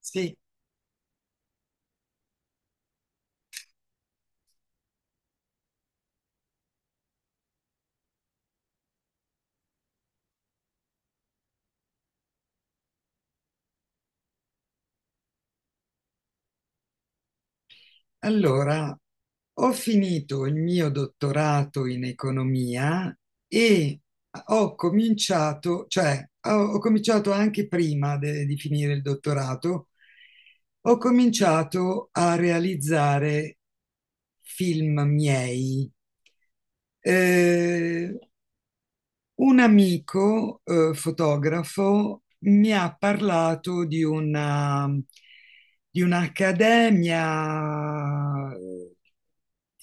Sì, allora ho finito il mio dottorato in economia e ho cominciato, cioè ho cominciato anche prima di finire il dottorato, ho cominciato a realizzare film miei. Eh, Un amico, fotografo mi ha parlato di un'accademia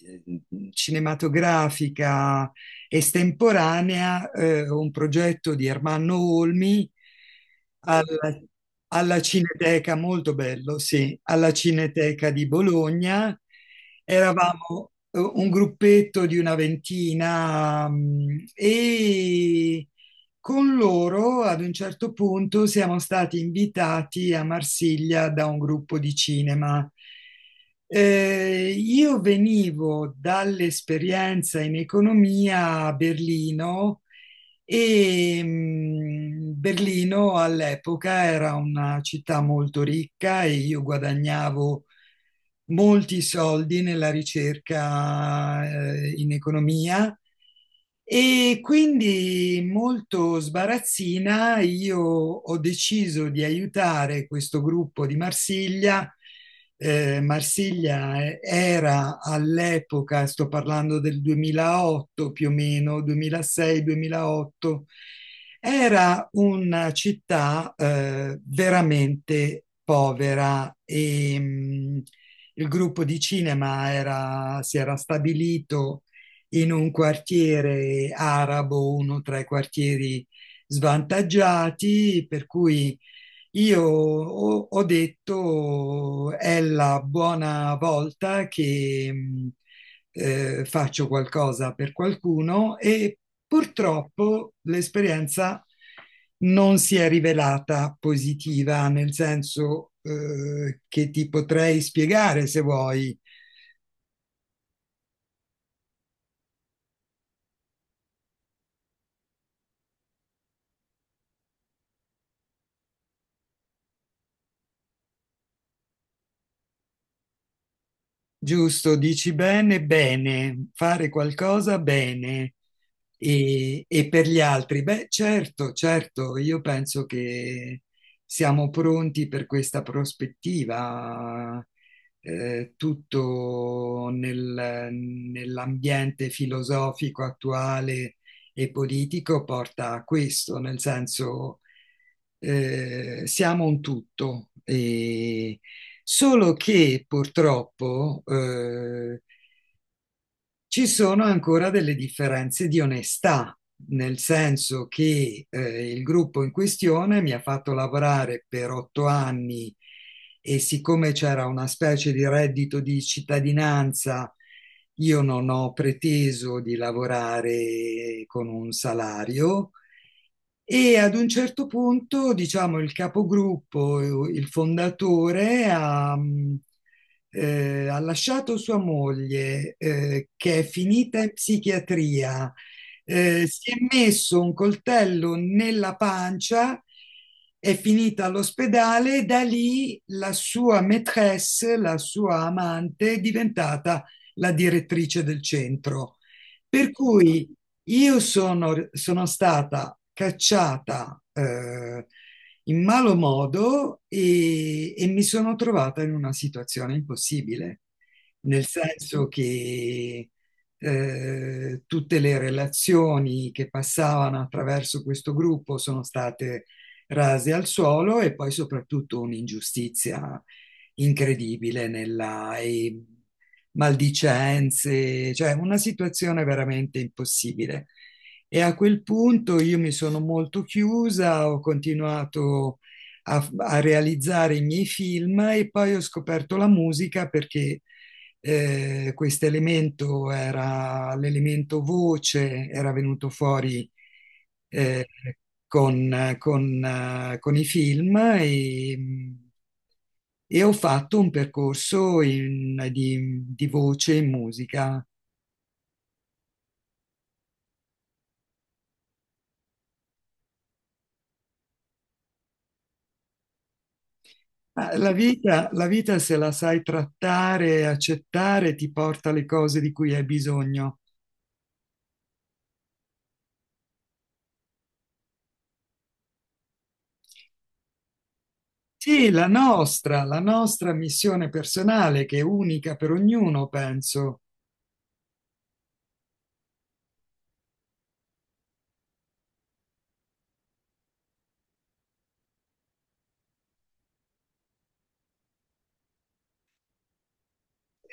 eh, cinematografica estemporanea, un progetto di Ermanno Olmi. Sì, alla alla Cineteca, molto bello, sì, alla Cineteca di Bologna. Eravamo un gruppetto di una ventina, mm, e con loro ad un certo punto siamo stati invitati a Marsiglia da un gruppo di cinema. Io venivo dall'esperienza in economia a Berlino e Berlino all'epoca era una città molto ricca e io guadagnavo molti soldi nella ricerca in economia, e quindi, molto sbarazzina, io ho deciso di aiutare questo gruppo di Marsiglia. Marsiglia era all'epoca, sto parlando del 2008 più o meno, 2006-2008, era una città veramente povera, e il gruppo di cinema si era stabilito in un quartiere arabo, uno tra i quartieri svantaggiati, per cui io ho detto è la buona volta che faccio qualcosa per qualcuno, e purtroppo l'esperienza non si è rivelata positiva, nel senso, che ti potrei spiegare se vuoi. Giusto, dici bene, bene, fare qualcosa bene e per gli altri. Beh, certo, certo, io penso che siamo pronti per questa prospettiva. Tutto nell'ambiente filosofico attuale e politico porta a questo, nel senso, siamo un tutto. E, Solo che purtroppo ci sono ancora delle differenze di onestà, nel senso che il gruppo in questione mi ha fatto lavorare per 8 anni, e siccome c'era una specie di reddito di cittadinanza, io non ho preteso di lavorare con un salario, e ad un certo punto, diciamo, il capogruppo, il fondatore ha, ha lasciato sua moglie, che è finita in psichiatria, si è messo un coltello nella pancia, è finita all'ospedale, e da lì la sua maîtresse, la sua amante, è diventata la direttrice del centro. Per cui io sono stata cacciata in malo modo, e mi sono trovata in una situazione impossibile, nel senso che tutte le relazioni che passavano attraverso questo gruppo sono state rase al suolo, e poi soprattutto un'ingiustizia incredibile nella... maldicenze, cioè una situazione veramente impossibile. E a quel punto io mi sono molto chiusa, ho continuato a realizzare i miei film, e poi ho scoperto la musica perché questo elemento era l'elemento voce, era venuto fuori eh, con i film, e ho fatto un percorso di voce in musica. Ah, la vita, la vita, se la sai trattare e accettare, ti porta le cose di cui hai bisogno. Sì, la nostra missione personale, che è unica per ognuno, penso.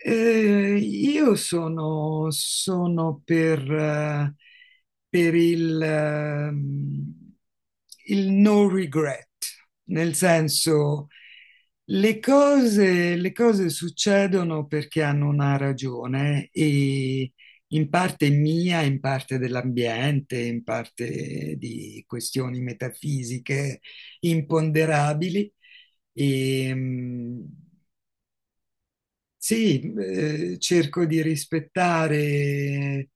Io sono, sono per il no regret, nel senso, le cose succedono perché hanno una ragione, e in parte mia, in parte dell'ambiente, in parte di questioni metafisiche imponderabili. E, sì, cerco di rispettare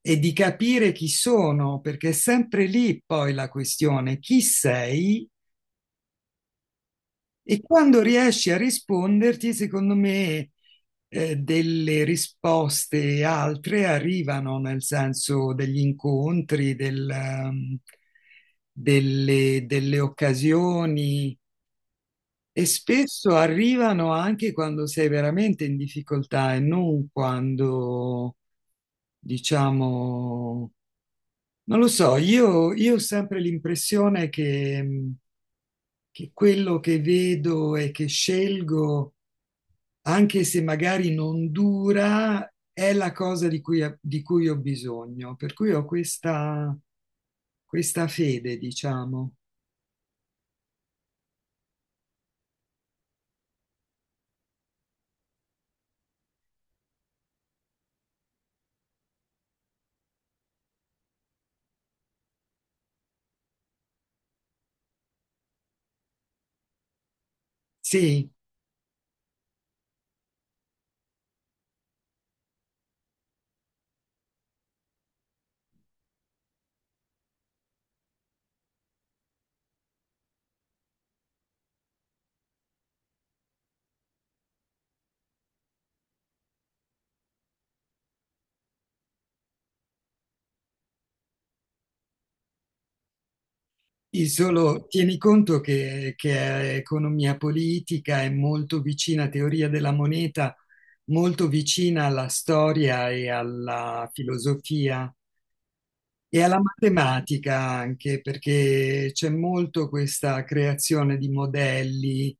e di capire chi sono, perché è sempre lì poi la questione, chi sei. E quando riesci a risponderti, secondo me, delle risposte altre arrivano, nel senso degli incontri, delle occasioni, e spesso arrivano anche quando sei veramente in difficoltà e non quando, diciamo, non lo so, io ho sempre l'impressione che quello che vedo e che scelgo, anche se magari non dura, è la cosa di cui ho bisogno. Per cui ho questa, questa fede, diciamo. Sì, il solo tieni conto che è economia politica è molto vicina a teoria della moneta, molto vicina alla storia e alla filosofia. E alla matematica anche, perché c'è molto questa creazione di modelli,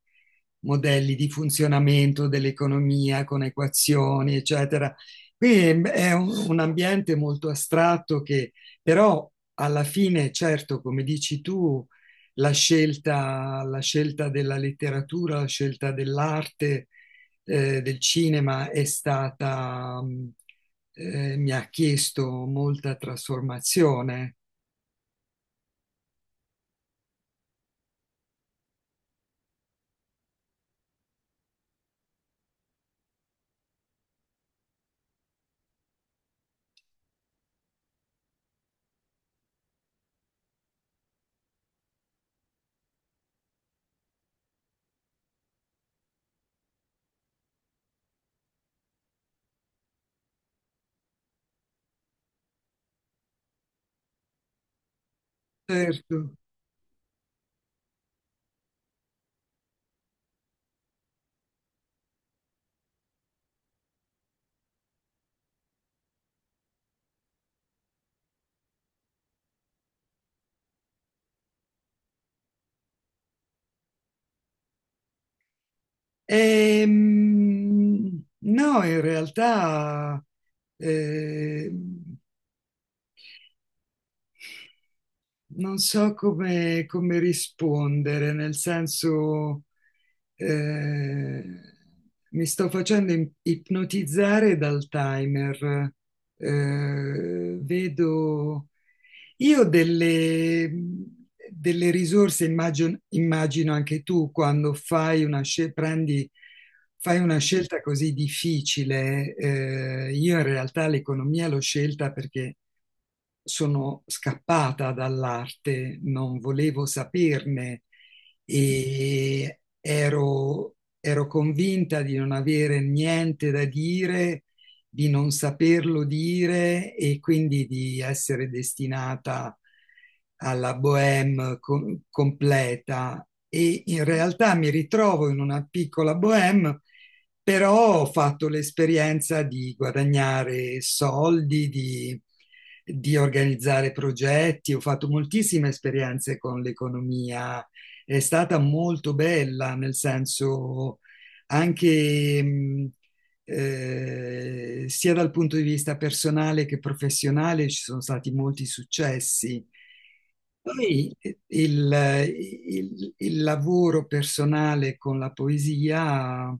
modelli di funzionamento dell'economia con equazioni, eccetera. Quindi è un ambiente molto astratto che però alla fine, certo, come dici tu, la scelta della letteratura, la scelta dell'arte, del cinema è stata... mi ha chiesto molta trasformazione, certo. E, mm, no, in realtà eh, non so come, come rispondere, nel senso, eh, mi sto facendo ipnotizzare dal timer. Vedo io ho delle, delle risorse, immagino, immagino anche tu quando fai una prendi, fai una scelta così difficile. Io in realtà l'economia l'ho scelta perché sono scappata dall'arte, non volevo saperne, e ero convinta di non avere niente da dire, di non saperlo dire e quindi di essere destinata alla bohème completa. E in realtà mi ritrovo in una piccola bohème, però ho fatto l'esperienza di guadagnare soldi, di organizzare progetti, ho fatto moltissime esperienze con l'economia, è stata molto bella, nel senso anche sia dal punto di vista personale che professionale ci sono stati molti successi. Poi il lavoro personale con la poesia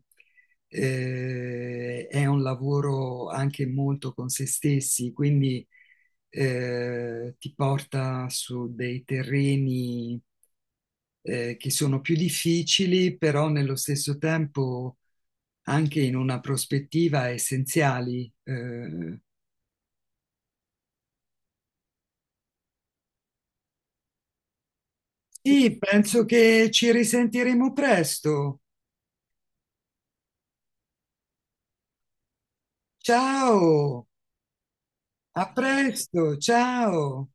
è un lavoro anche molto con se stessi, quindi ti porta su dei terreni che sono più difficili, però nello stesso tempo anche in una prospettiva essenziali. Sì, penso che ci risentiremo presto. Ciao! A presto, ciao!